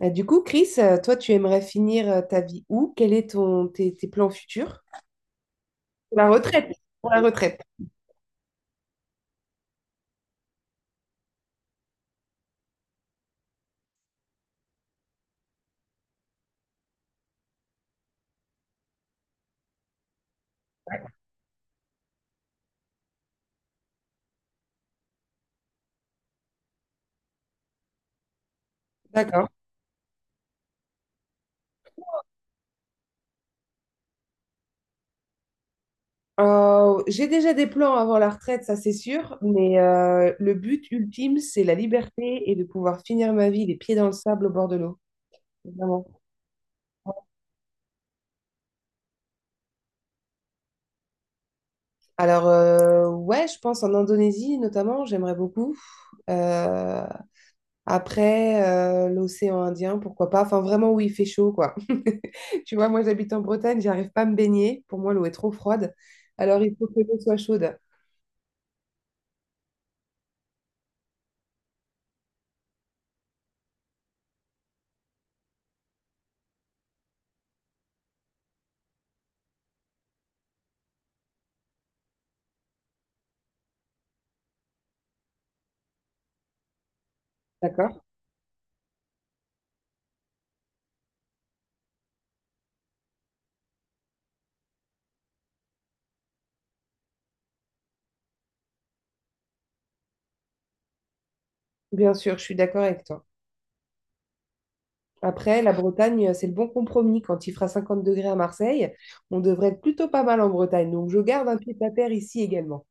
Bah, du coup, Chris, toi, tu aimerais finir ta vie où? Quel est tes plans futurs? Pour la retraite. Pour la retraite. D'accord. J'ai déjà des plans avant la retraite, ça c'est sûr, mais le but ultime, c'est la liberté et de pouvoir finir ma vie les pieds dans le sable au bord de l'eau. Vraiment. Alors, ouais, je pense en Indonésie notamment, j'aimerais beaucoup. Euh, Après, l'océan Indien, pourquoi pas. Enfin, vraiment où il fait chaud, quoi. Tu vois, moi, j'habite en Bretagne, j'arrive pas à me baigner. Pour moi, l'eau est trop froide. Alors, il faut que l'eau soit chaude. D'accord? Bien sûr, je suis d'accord avec toi. Après, la Bretagne, c'est le bon compromis. Quand il fera 50 degrés à Marseille, on devrait être plutôt pas mal en Bretagne. Donc, je garde un pied à terre ici également.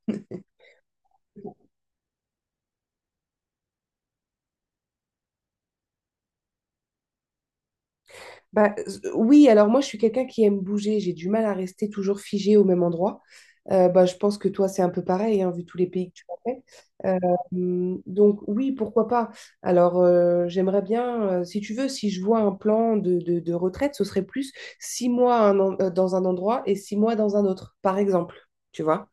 Bah, oui, alors moi, je suis quelqu'un qui aime bouger. J'ai du mal à rester toujours figé au même endroit. Bah, je pense que toi, c'est un peu pareil, hein, vu tous les pays que tu as fait. Donc, oui, pourquoi pas. Alors, j'aimerais bien, si tu veux, si je vois un plan de retraite, ce serait plus 6 mois dans un endroit et 6 mois dans un autre, par exemple. Tu vois?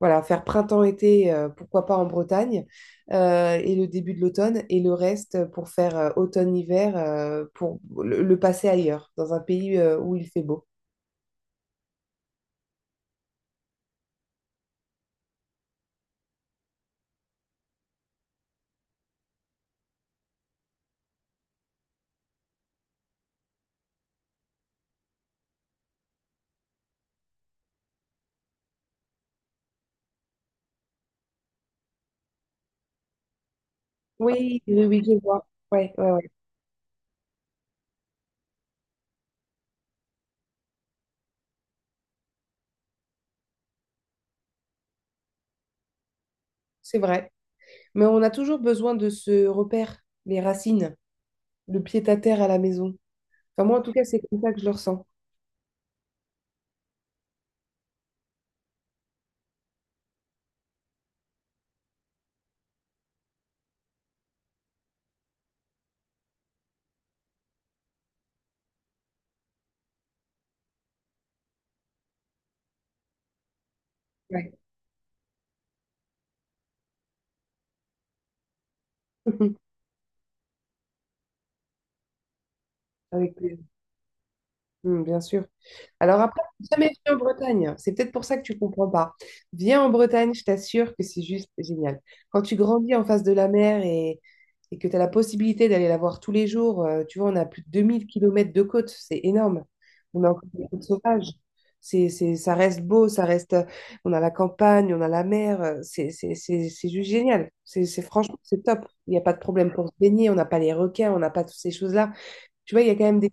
Voilà, faire printemps-été, pourquoi pas en Bretagne, et le début de l'automne, et le reste pour faire automne-hiver, pour le passer ailleurs, dans un pays où il fait beau. Oui, oui, oui, je vois. Ouais, ouais, ouais, c'est vrai. Mais on a toujours besoin de ce repère, les racines, le pied-à-terre à la maison. Enfin, moi, en tout cas, c'est comme ça que je le ressens. Ouais. Avec plaisir. Hmm, bien sûr. Alors après, jamais venu en Bretagne. C'est peut-être pour ça que tu comprends pas. Viens en Bretagne, je t'assure que c'est juste génial. Quand tu grandis en face de la mer et que tu as la possibilité d'aller la voir tous les jours, tu vois, on a plus de 2 000 kilomètres de côte, c'est énorme. On a encore des côtes sauvages. Ça reste beau, ça reste. On a la campagne, on a la mer. C'est juste génial. Franchement, c'est top. Il n'y a pas de problème pour se baigner. On n'a pas les requins, on n'a pas toutes ces choses-là. Tu vois, il y a quand même des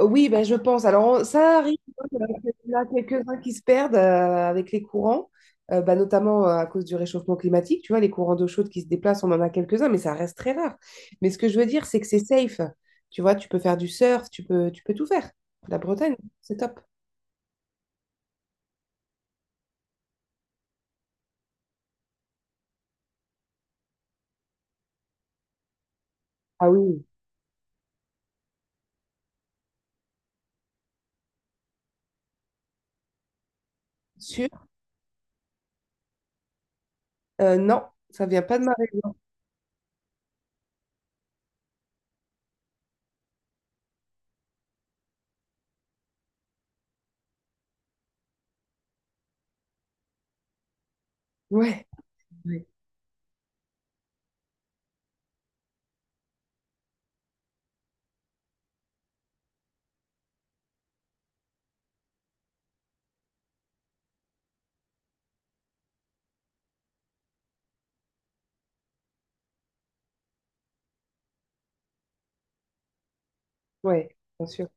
Oui, ben, je pense. Alors, ça arrive, hein, qu'il y en a quelques-uns qui se perdent avec les courants, bah, notamment à cause du réchauffement climatique. Tu vois, les courants d'eau chaude qui se déplacent, on en a quelques-uns, mais ça reste très rare. Mais ce que je veux dire, c'est que c'est safe. Tu vois, tu peux faire du surf, tu peux tout faire. La Bretagne, c'est top. Ah oui. Sûr? Non, ça vient pas de ma région. Ouais, ouais, ouais, bien sûr.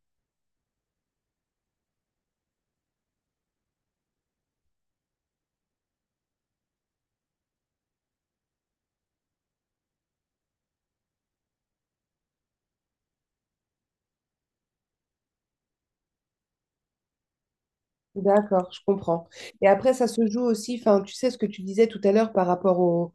D'accord, je comprends. Et après, ça se joue aussi, enfin, tu sais ce que tu disais tout à l'heure par rapport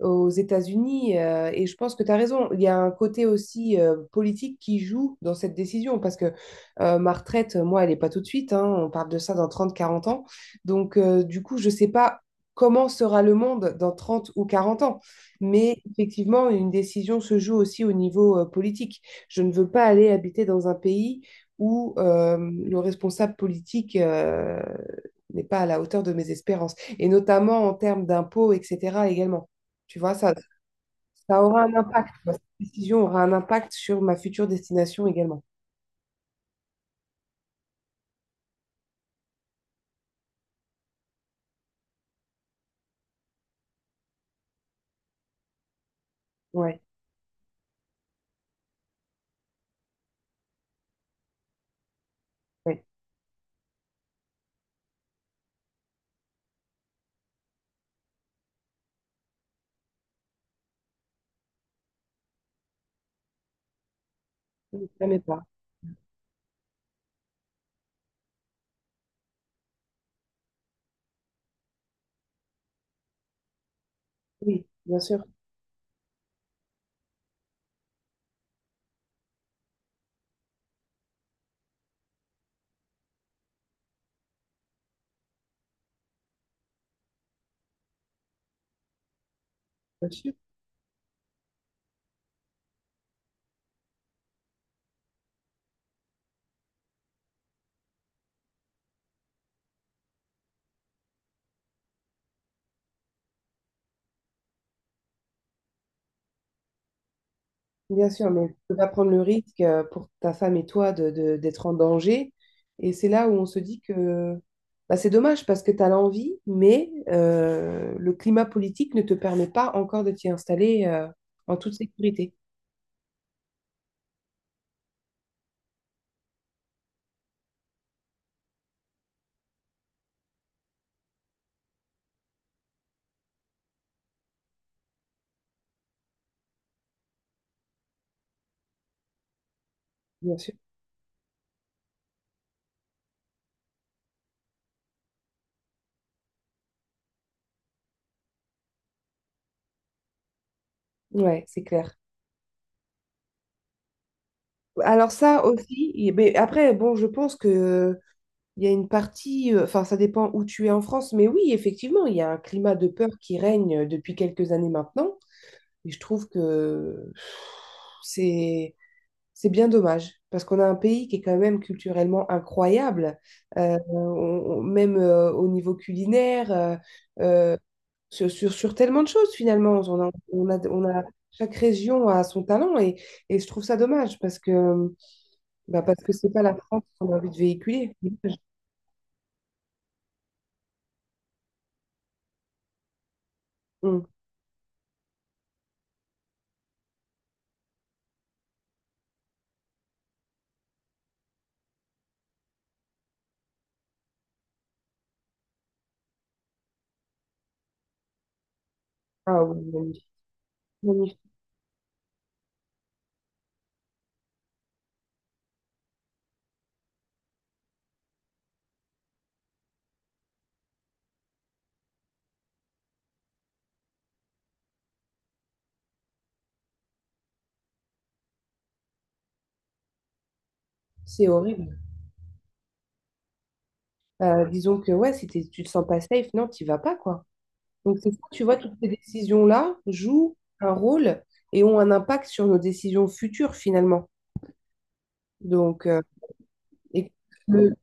aux États-Unis. Et je pense que tu as raison. Il y a un côté aussi politique qui joue dans cette décision parce que ma retraite, moi, elle n'est pas tout de suite. Hein. On parle de ça dans 30, 40 ans. Donc, du coup, je ne sais pas comment sera le monde dans 30 ou 40 ans. Mais effectivement, une décision se joue aussi au niveau politique. Je ne veux pas aller habiter dans un pays où le responsable politique n'est pas à la hauteur de mes espérances, et notamment en termes d'impôts, etc. également. Tu vois, ça aura un impact, quoi. Cette décision aura un impact sur ma future destination également. Ouais, ouais. Oui, ça m'est pas. Oui, bien sûr, bien sûr, bien sûr, mais tu peux pas prendre le risque pour ta femme et toi d'être en danger. Et c'est là où on se dit que bah, c'est dommage parce que tu as l'envie, mais le climat politique ne te permet pas encore de t'y installer en toute sécurité. Bien sûr. Ouais, c'est clair. Alors ça aussi, mais après, bon, je pense que il y a une partie, enfin ça dépend où tu es en France, mais oui, effectivement, il y a un climat de peur qui règne depuis quelques années maintenant. Et je trouve que c'est c'est bien dommage, parce qu'on a un pays qui est quand même culturellement incroyable, euh, on- même au niveau culinaire, euh, sur tellement de choses finalement. Chaque région a son talent et je trouve ça dommage parce que bah, parce que c'est pas la France qu'on a envie de véhiculer. Mm. Ah oui, magnifique. C'est horrible. Disons que ouais, si t'es- tu te sens pas safe, non, tu vas pas, quoi. Donc c'est ça, tu vois, toutes ces décisions-là jouent un rôle et ont un impact sur nos décisions futures, finalement. Donc, et le-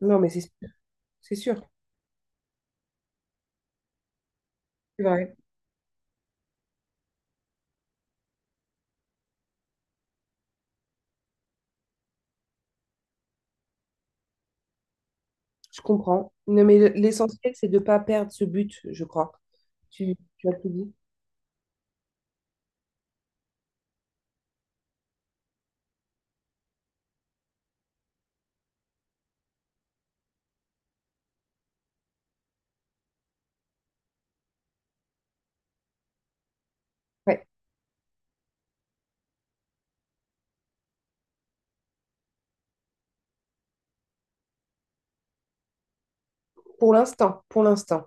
non, mais c'est sûr, c'est sûr, c'est vrai, je comprends. Non, mais l'essentiel, c'est de pas perdre ce but, je crois. Tu as tout dit. Ouais, pour l'instant, pour l'instant.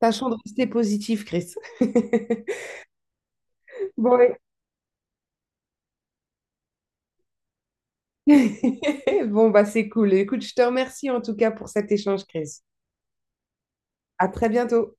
Tâchons de rester positif, Chris. Bon, Bon, bah c'est cool. Écoute, je te remercie en tout cas pour cet échange, Chris. À très bientôt.